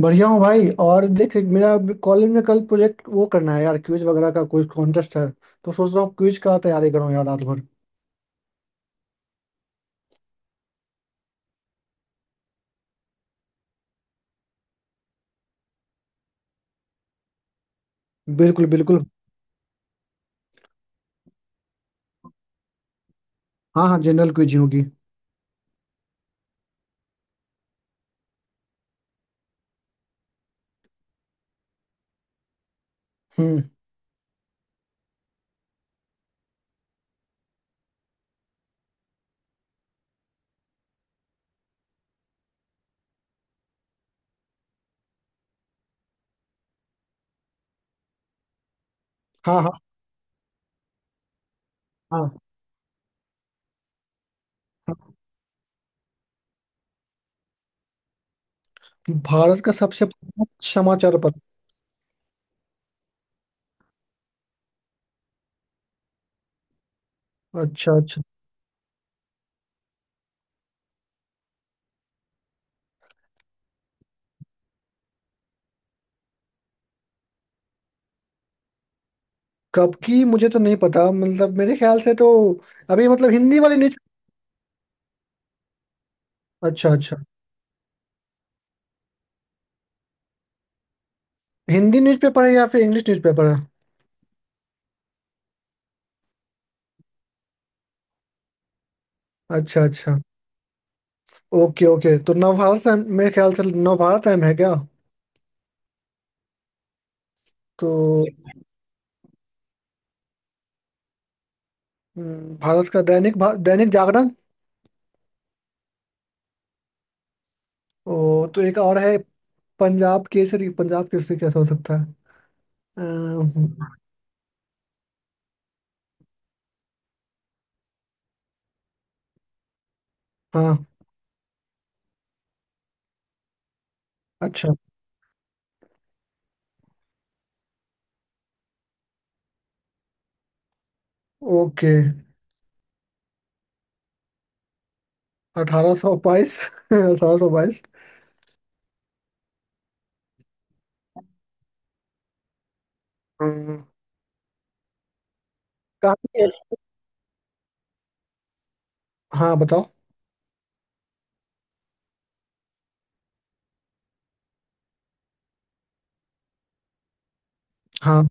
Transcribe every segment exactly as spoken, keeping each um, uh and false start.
बढ़िया हूँ भाई। और देख, मेरा अभी कॉलेज में कल प्रोजेक्ट वो करना है यार, क्विज वगैरह का कोई कॉन्टेस्ट है। तो सोच रहा हूँ क्विज का तैयारी करूँ यार, रात भर। बिल्कुल, बिल्कुल। हाँ, हाँ, जनरल क्विज ही होगी। हम्म। हाँ, हाँ, हाँ। भारत का सबसे प्रमुख समाचार पत्र। अच्छा, अच्छा। कब की मुझे तो नहीं पता, मतलब मेरे ख्याल से तो अभी, मतलब हिंदी वाली न्यूज। अच्छा, अच्छा। हिंदी न्यूज़पेपर है या फिर इंग्लिश न्यूज़पेपर है? अच्छा, अच्छा। Okay, okay. तो नवभारत, M- मेरे ख्याल से नवभारत टाइम है क्या? तो हम्म, भारत का दैनिक भा, दैनिक जागरण। ओ, तो एक और है। पंजाब केसरी, पंजाब केसरी कैसा हो सकता है? अम्म, हाँ। अच्छा, ओके। अठारह सौ बाईस। अठारह सौ बाईस। हम्म, काफी। हाँ, बताओ। हाँ,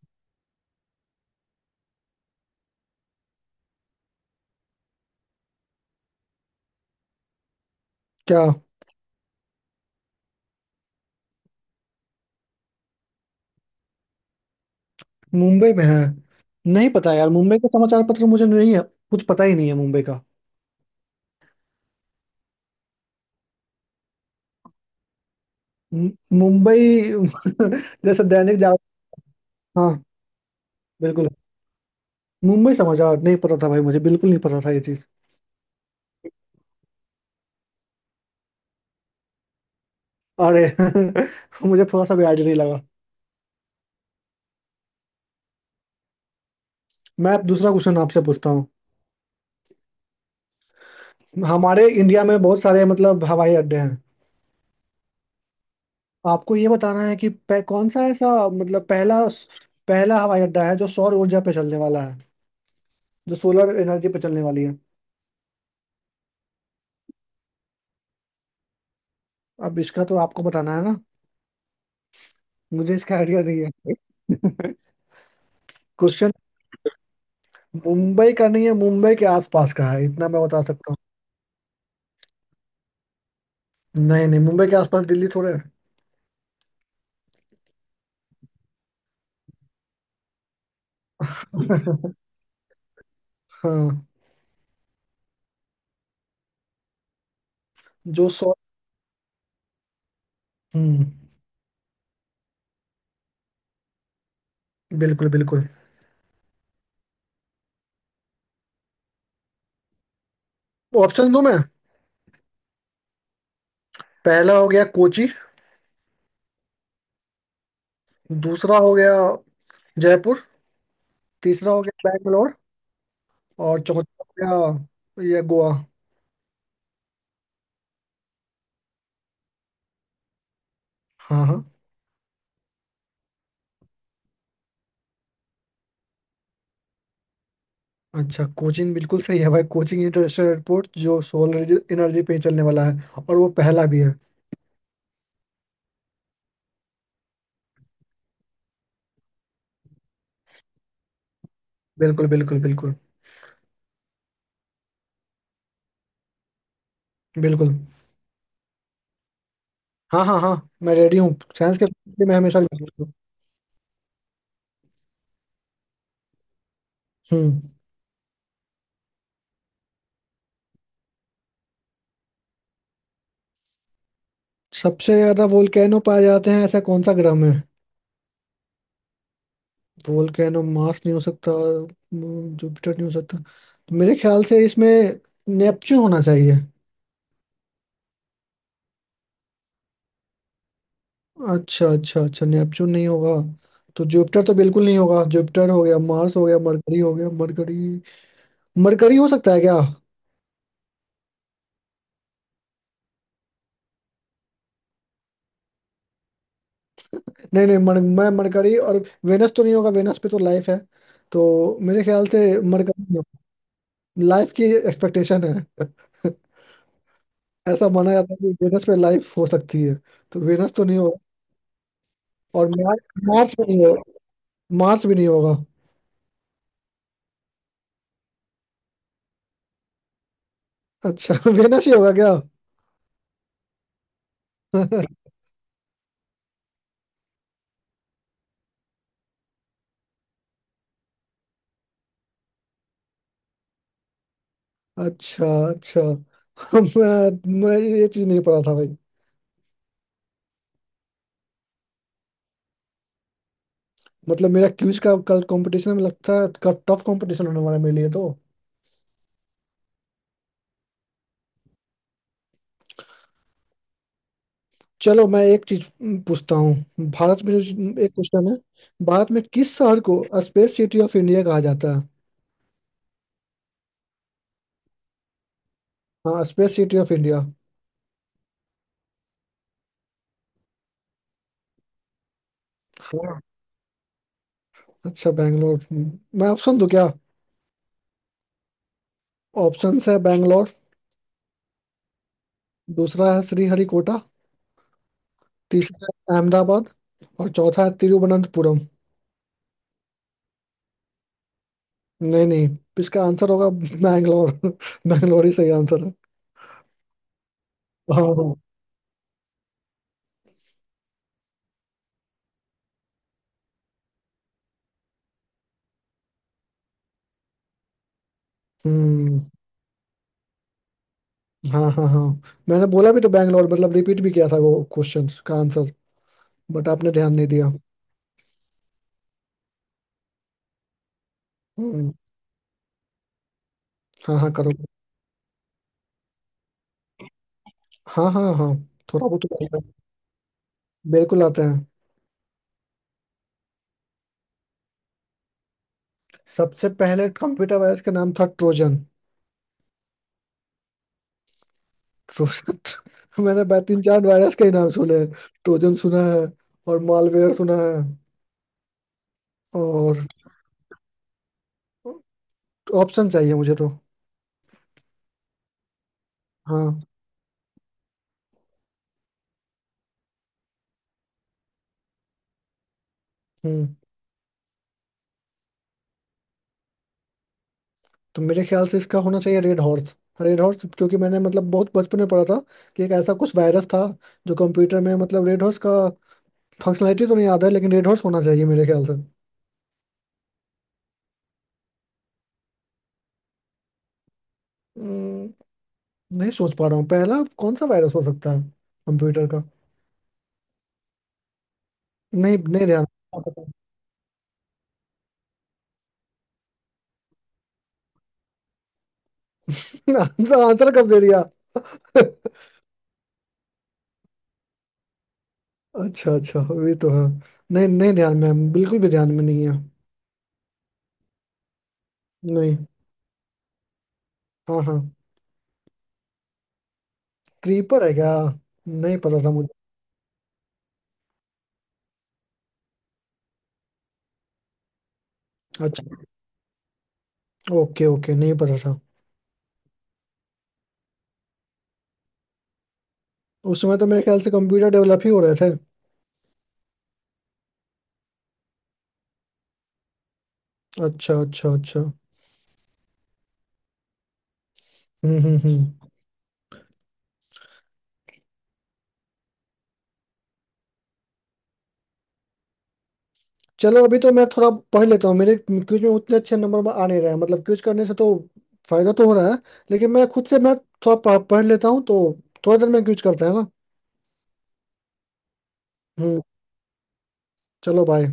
क्या, मुंबई में है? नहीं पता यार, मुंबई का समाचार पत्र तो मुझे नहीं है। कुछ पता ही नहीं है मुंबई का। मु- मुंबई जैसे दैनिक जागरण। हाँ, बिल्कुल। मुंबई समाचार नहीं पता था भाई, मुझे बिल्कुल नहीं पता था ये चीज। अरे, मुझे थोड़ा सा भी आइडिया नहीं लगा। मैं अब दूसरा क्वेश्चन आपसे पूछता हूँ। हमारे इंडिया में बहुत सारे, मतलब हवाई अड्डे हैं। आपको ये बताना है कि पह, कौन सा ऐसा, मतलब पहला, पहला हवाई अड्डा है जो सौर ऊर्जा पे चलने वाला है। जो सोलर एनर्जी पे चलने वाली है। अब इसका तो आपको बताना है ना। मुझे इसका आइडिया नहीं है। क्वेश्चन, मुंबई का नहीं है, मुंबई के आसपास का है, इतना मैं बता सकता हूँ। नहीं, नहीं, मुंबई के आसपास दिल्ली थोड़े है। हाँ, जो सौ, हम्म, बिल्कुल, बिल्कुल। ऑप्शन दूं मैं? पहला हो गया कोची। दूसरा हो गया जयपुर। तीसरा हो गया बैंगलोर। और चौथा हो गया ये गोवा। हाँ, हाँ। अच्छा, कोचिन बिल्कुल सही है भाई। कोचिंग इंटरनेशनल एयरपोर्ट, जो सोलर एनर्जी पे ही चलने वाला है, और वो पहला भी है। बिल्कुल, बिल्कुल, बिल्कुल, बिल्कुल। हाँ, हाँ, हाँ, मैं रेडी हूँ साइंस के लिए, मैं हमेशा ready हूँ। हम्म। सबसे ज्यादा वोल्केनो पाए जाते हैं ऐसा कौन सा ग्रह में? वोल्केनो, मार्स नहीं हो सकता, जुपिटर नहीं हो सकता, तो मेरे ख्याल से इसमें नेपच्यून होना चाहिए। अच्छा, अच्छा, अच्छा, नेपच्यून नहीं होगा। तो जुपिटर तो बिल्कुल नहीं होगा। जुपिटर हो गया, मार्स हो गया, मरकरी हो गया। मरकरी, मरकरी हो सकता है क्या? नहीं, नहीं, मर, मैं मरकरी और वेनस तो नहीं होगा। वेनस पे तो लाइफ है, तो मेरे ख्याल से मरकरी, लाइफ की एक्सपेक्टेशन है। ऐसा माना जाता है कि वेनस पे लाइफ हो सकती है, तो वेनस तो नहीं होगा। और मार्स, मार्स भी नहीं होगा, मार्स भी नहीं होगा। अच्छा, वेनस ही होगा क्या? अच्छा, अच्छा। मैं, मैं ये चीज नहीं पता था भाई। मतलब मेरा क्विज का कल कंपटीशन में लगता है, टफ कंपटीशन होने वाला है मेरे लिए तो। चलो, मैं एक चीज हम्म, पूछता हूँ। भारत में जो- एक क्वेश्चन है। भारत में किस शहर को स्पेस सिटी ऑफ इंडिया कहा जाता है? हाँ, स्पेस सिटी ऑफ इंडिया। हाँ, अच्छा, बैंगलोर। हम्म, मैं ऑप्शन दूँ क्या? ऑप्शंस है बैंगलोर। दूसरा है श्रीहरिकोटा। तीसरा है अहमदाबाद। और चौथा है तिरुवनंतपुरम। नहीं, नहीं, इसका आंसर होगा बैंगलोर। बैंगलोर ही सही आंसर है। हाँ, हाँ। हम्म। हाँ, हाँ, हाँ। मैंने बोला भी तो बैंगलोर, मतलब रिपीट भी किया था वो क्वेश्चंस का आंसर, बट आपने ध्यान नहीं दिया। हम्म। हाँ, हाँ, करो। हाँ, हाँ, हाँ, थोड़ा बहुत तो आता है। बिल्कुल आते हैं। सबसे पहले कंप्यूटर वायरस का नाम था ट्रोजन। ट्रोजन? मैंने बा- तीन चार वायरस के ही नाम सुने हैं। ट्रोजन सुना है और मालवेयर सुना है। और ऑप्शन चाहिए मुझे तो। हाँ। हम्म। तो मेरे ख्याल से इसका होना चाहिए रेड हॉर्स। रेड हॉर्स, क्योंकि मैंने मतलब बहुत बचपन में पढ़ा था कि एक ऐसा कुछ वायरस था जो कंप्यूटर में, मतलब रेड हॉर्स का फंक्शनैलिटी तो नहीं याद है, लेकिन रेड हॉर्स होना चाहिए मेरे ख्याल से। हम्म, नहीं सोच पा रहा हूँ पहला कौन सा वायरस हो सकता है कंप्यूटर का। नहीं, नहीं, ध्यान। आंसर? आंसर कब दे दिया? अच्छा, अच्छा, ये तो है। नहीं, नहीं ध्यान में है, बिल्कुल भी ध्यान में नहीं है। नहीं। हाँ, हाँ। क्रीपर है क्या? नहीं पता था मुझे। अच्छा, ओके, ओके, नहीं पता था। उस समय तो मेरे ख्याल से कंप्यूटर डेवलप ही हो रहे थे। अच्छा, अच्छा, अच्छा। हम्म, हम्म, हम्म। चलो, अभी तो मैं थोड़ा पढ़ लेता हूँ, मेरे क्विज में उतने अच्छे नंबर आ नहीं रहे हैं। मतलब क्विज करने से तो फायदा तो हो रहा है, लेकिन मैं खुद से मैं थोड़ा पढ़ पढ़ लेता हूँ तो थोड़ा देर में क्विज करता है ना। हम्म। चलो, बाय।